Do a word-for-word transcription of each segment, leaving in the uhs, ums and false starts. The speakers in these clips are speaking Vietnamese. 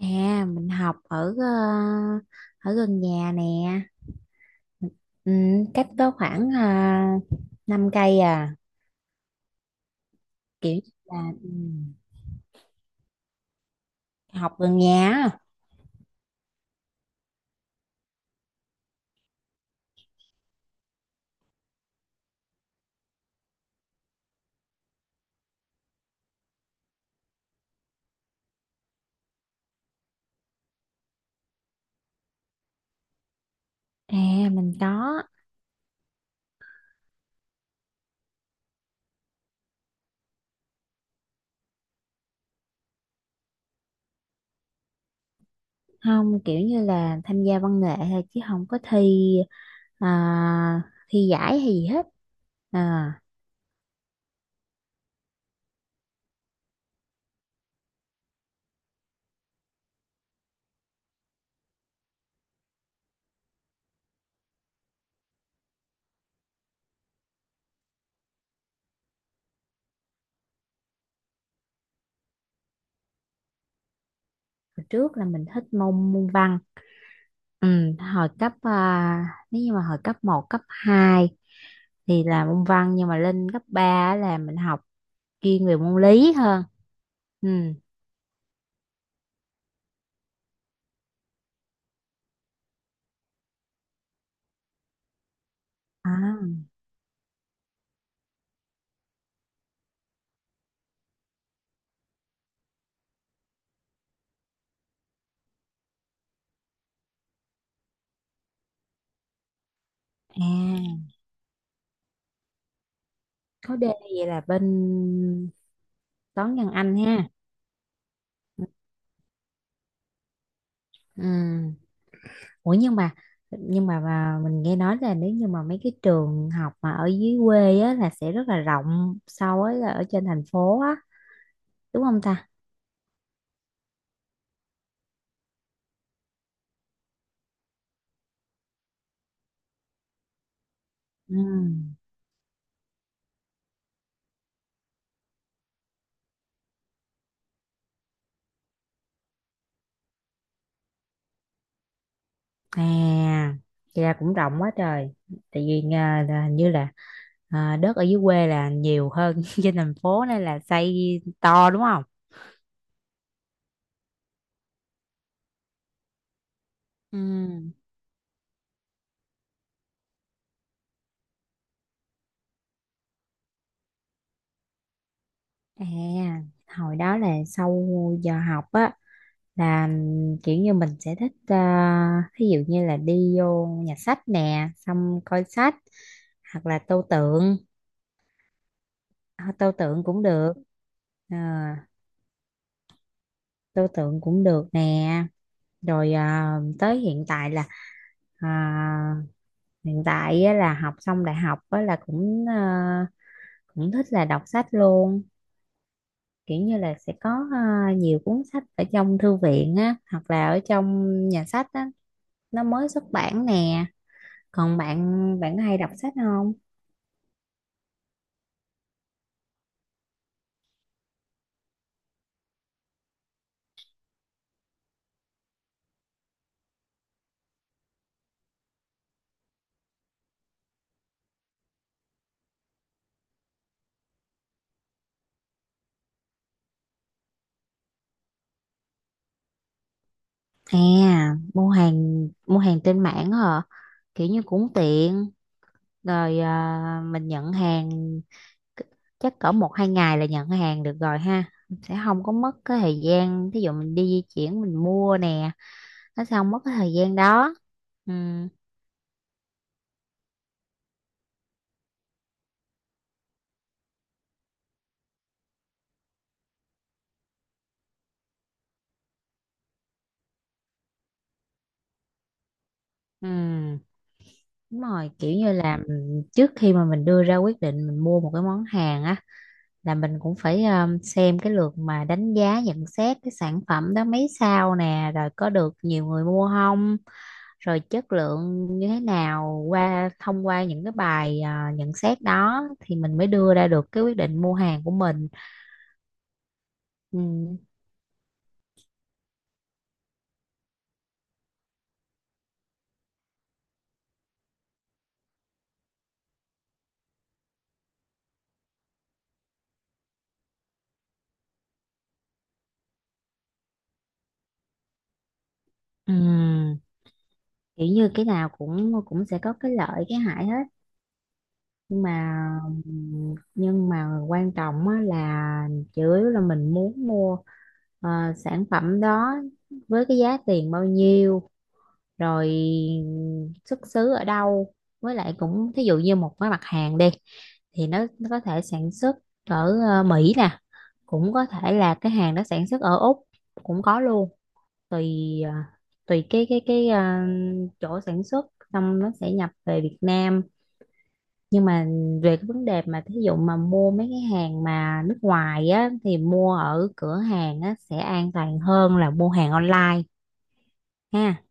À, mình học ở ờ, ở gần nhà nè. Ừ, cách có khoảng uh, năm cây à, kiểu như là ừ, học gần nhà á. À, mình có không kiểu như là tham gia văn nghệ thôi chứ không có thi ờ, thi giải hay gì hết. À, hồi trước là mình thích môn môn văn. Ừ, hồi cấp à, nếu như mà hồi cấp một cấp hai thì là môn văn nhưng mà lên cấp ba là mình học chuyên về môn lý hơn. Ừ. À, à, khối D vậy là bên toán văn Anh ha. Ừ. Ủa nhưng mà nhưng mà, mà mình nghe nói là nếu như mà mấy cái trường học mà ở dưới quê á là sẽ rất là rộng so với là ở trên thành phố á, đúng không ta? Ừ. À, vậy là cũng rộng quá trời. Tại vì à, là hình như là à, đất ở dưới quê là nhiều hơn trên thành phố nên là xây to đúng không? Ừ. À, hồi đó là sau giờ học á là kiểu như mình sẽ thích à, thí dụ như là đi vô nhà sách nè, xong coi sách hoặc là tô tượng. À, tô tượng cũng được. À, tô tượng cũng được nè. Rồi à, tới hiện tại là à, hiện tại á, là học xong đại học á, là cũng ờ, cũng thích là đọc sách luôn, kiểu như là sẽ có ờ, nhiều cuốn sách ở trong thư viện á hoặc là ở trong nhà sách á, nó mới xuất bản nè. Còn bạn bạn có hay đọc sách không? À, mua hàng, mua hàng trên mạng hả? Kiểu như cũng tiện, rồi ờ, mình nhận hàng c- chắc cỡ một hai ngày là nhận hàng được rồi ha. Sẽ không có mất cái thời gian, thí dụ mình đi di chuyển mình mua nè, nó sẽ không mất cái thời gian đó. Ừ. Ừ. Đúng rồi, kiểu như là mình- trước khi mà mình đưa ra quyết định mình mua một cái món hàng á, là mình cũng phải um, xem cái lượt mà đánh giá nhận xét cái sản phẩm đó mấy sao nè, rồi có được nhiều người mua không, rồi chất lượng như thế nào, qua thông qua những cái bài à, nhận xét đó thì mình mới đưa ra được cái quyết định mua hàng của mình. Ừ. Ừ. Kiểu như cái nào cũng cũng sẽ có cái lợi cái hại hết, nhưng mà nhưng mà quan trọng á là chủ yếu là mình muốn mua ờ, sản phẩm đó với cái giá tiền bao nhiêu, rồi xuất xứ ở đâu, với lại cũng thí dụ như một cái mặt hàng đi thì nó, nó có thể sản xuất ở ờ, Mỹ nè, cũng có thể là cái hàng đó sản xuất ở Úc cũng có luôn, tùy ờ, tùy cái cái cái ờ, chỗ sản xuất, xong nó sẽ nhập về Việt Nam. Nhưng mà về cái vấn đề mà thí dụ mà mua mấy cái hàng mà nước ngoài á thì mua ở cửa hàng á sẽ an toàn hơn là mua hàng online ha.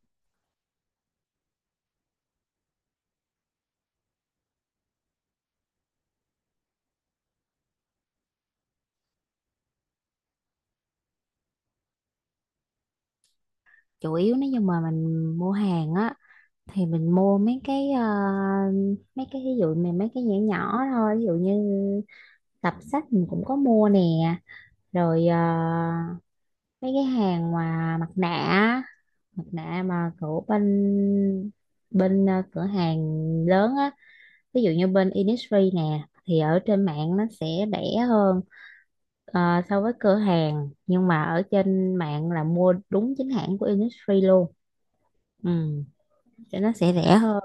Chủ yếu nếu như mà mình mua hàng á thì mình mua mấy cái ờ, mấy cái ví dụ mà mấy cái nhỏ nhỏ thôi, ví dụ như tập sách mình cũng có mua nè, rồi ờ, mấy cái hàng mà mặt nạ á, mặt nạ mà của bên bên ờ, cửa hàng lớn á, ví dụ như bên Innisfree nè thì ở trên mạng nó sẽ rẻ hơn ờ, so với cửa hàng, nhưng mà ở trên mạng là mua đúng chính hãng của Innisfree luôn. Ừ, cho nó sẽ rẻ hơn.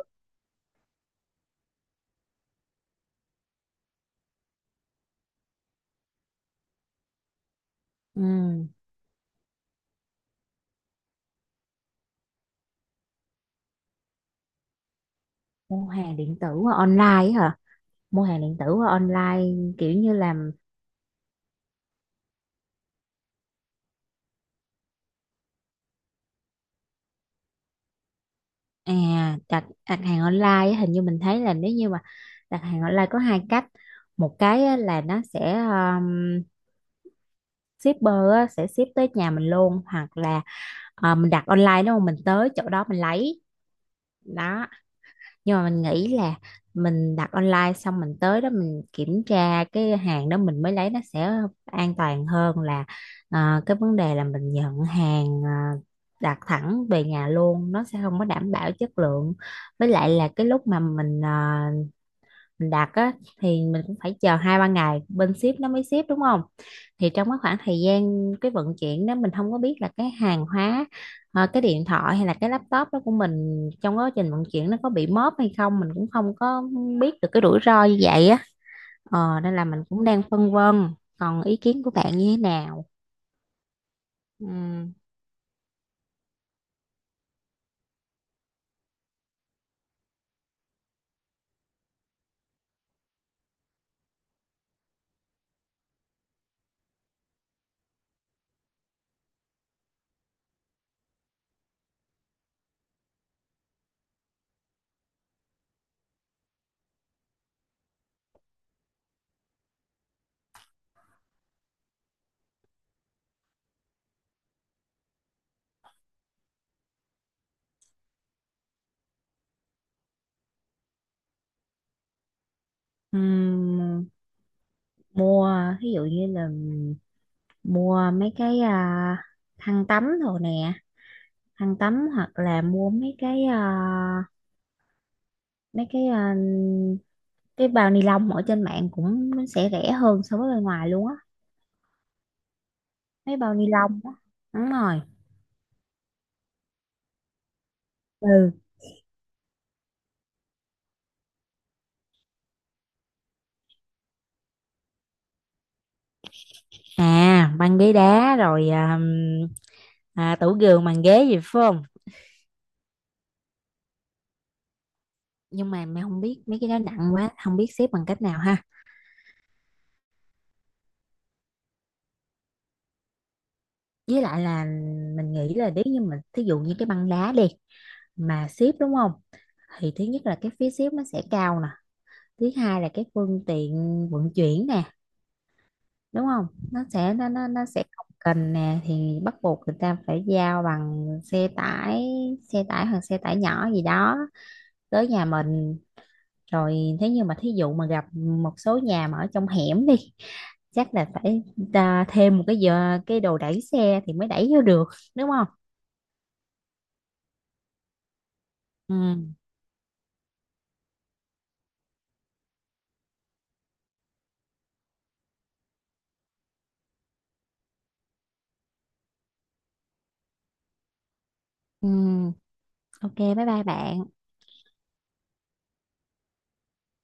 Ừ. Mua hàng điện tử qua online á hả? Mua hàng điện tử qua online kiểu như làm à, đặt đặt hàng online á, hình như mình thấy là nếu như mà đặt hàng online có hai cách. Một cái á, là nó sẽ um, shipper á, sẽ ship tới nhà mình luôn, hoặc là ờ, mình đặt online đúng không, mình tới chỗ đó mình lấy đó. Nhưng mà mình nghĩ là mình đặt online xong mình tới đó mình kiểm tra cái hàng đó mình mới lấy, nó sẽ an toàn hơn là ờ, cái vấn đề là mình nhận hàng ờ, đặt thẳng về nhà luôn, nó sẽ không có đảm bảo chất lượng. Với lại là cái lúc mà mình ờ, mình đặt á thì mình cũng phải chờ hai ba ngày bên ship nó mới ship đúng không, thì trong cái khoảng thời gian cái vận chuyển đó mình không có biết là cái hàng hóa ờ, cái điện thoại hay là cái laptop đó của mình trong quá trình vận chuyển nó có bị móp hay không, mình cũng không có biết được, cái rủi ro như vậy á ờ, nên là mình cũng đang phân vân. Còn ý kiến của bạn như thế nào? Ừm. Ừm, mua ví dụ như là mua mấy cái à, khăn tắm rồi nè, khăn tắm hoặc là mua mấy cái ờ, mấy cái ờ, cái bao ni lông ở trên mạng cũng nó sẽ rẻ hơn so với bên ngoài luôn á. Mấy bao ni lông á, đúng rồi. Ừ. À, băng ghế đá rồi à, à, tủ giường bàn ghế gì phải không? Nhưng mà mày không biết mấy cái đó nặng quá không biết xếp bằng cách nào ha. Với lại là mình nghĩ là nếu như mình thí dụ như cái băng đá đi mà xếp đúng không, thì thứ nhất là cái phí xếp nó sẽ cao nè, thứ hai là cái phương tiện vận chuyển nè, đúng không, nó sẽ nó nó, nó sẽ không cần nè, thì bắt buộc người ta phải giao bằng xe tải, xe tải hoặc xe tải nhỏ gì đó tới nhà mình. Rồi thế nhưng mà thí dụ mà gặp một số nhà mà ở trong hẻm đi, chắc là phải ta thêm một cái giờ cái đồ đẩy xe thì mới đẩy vô được, đúng không? Ừ. Ừ. Ok, bye bye bạn.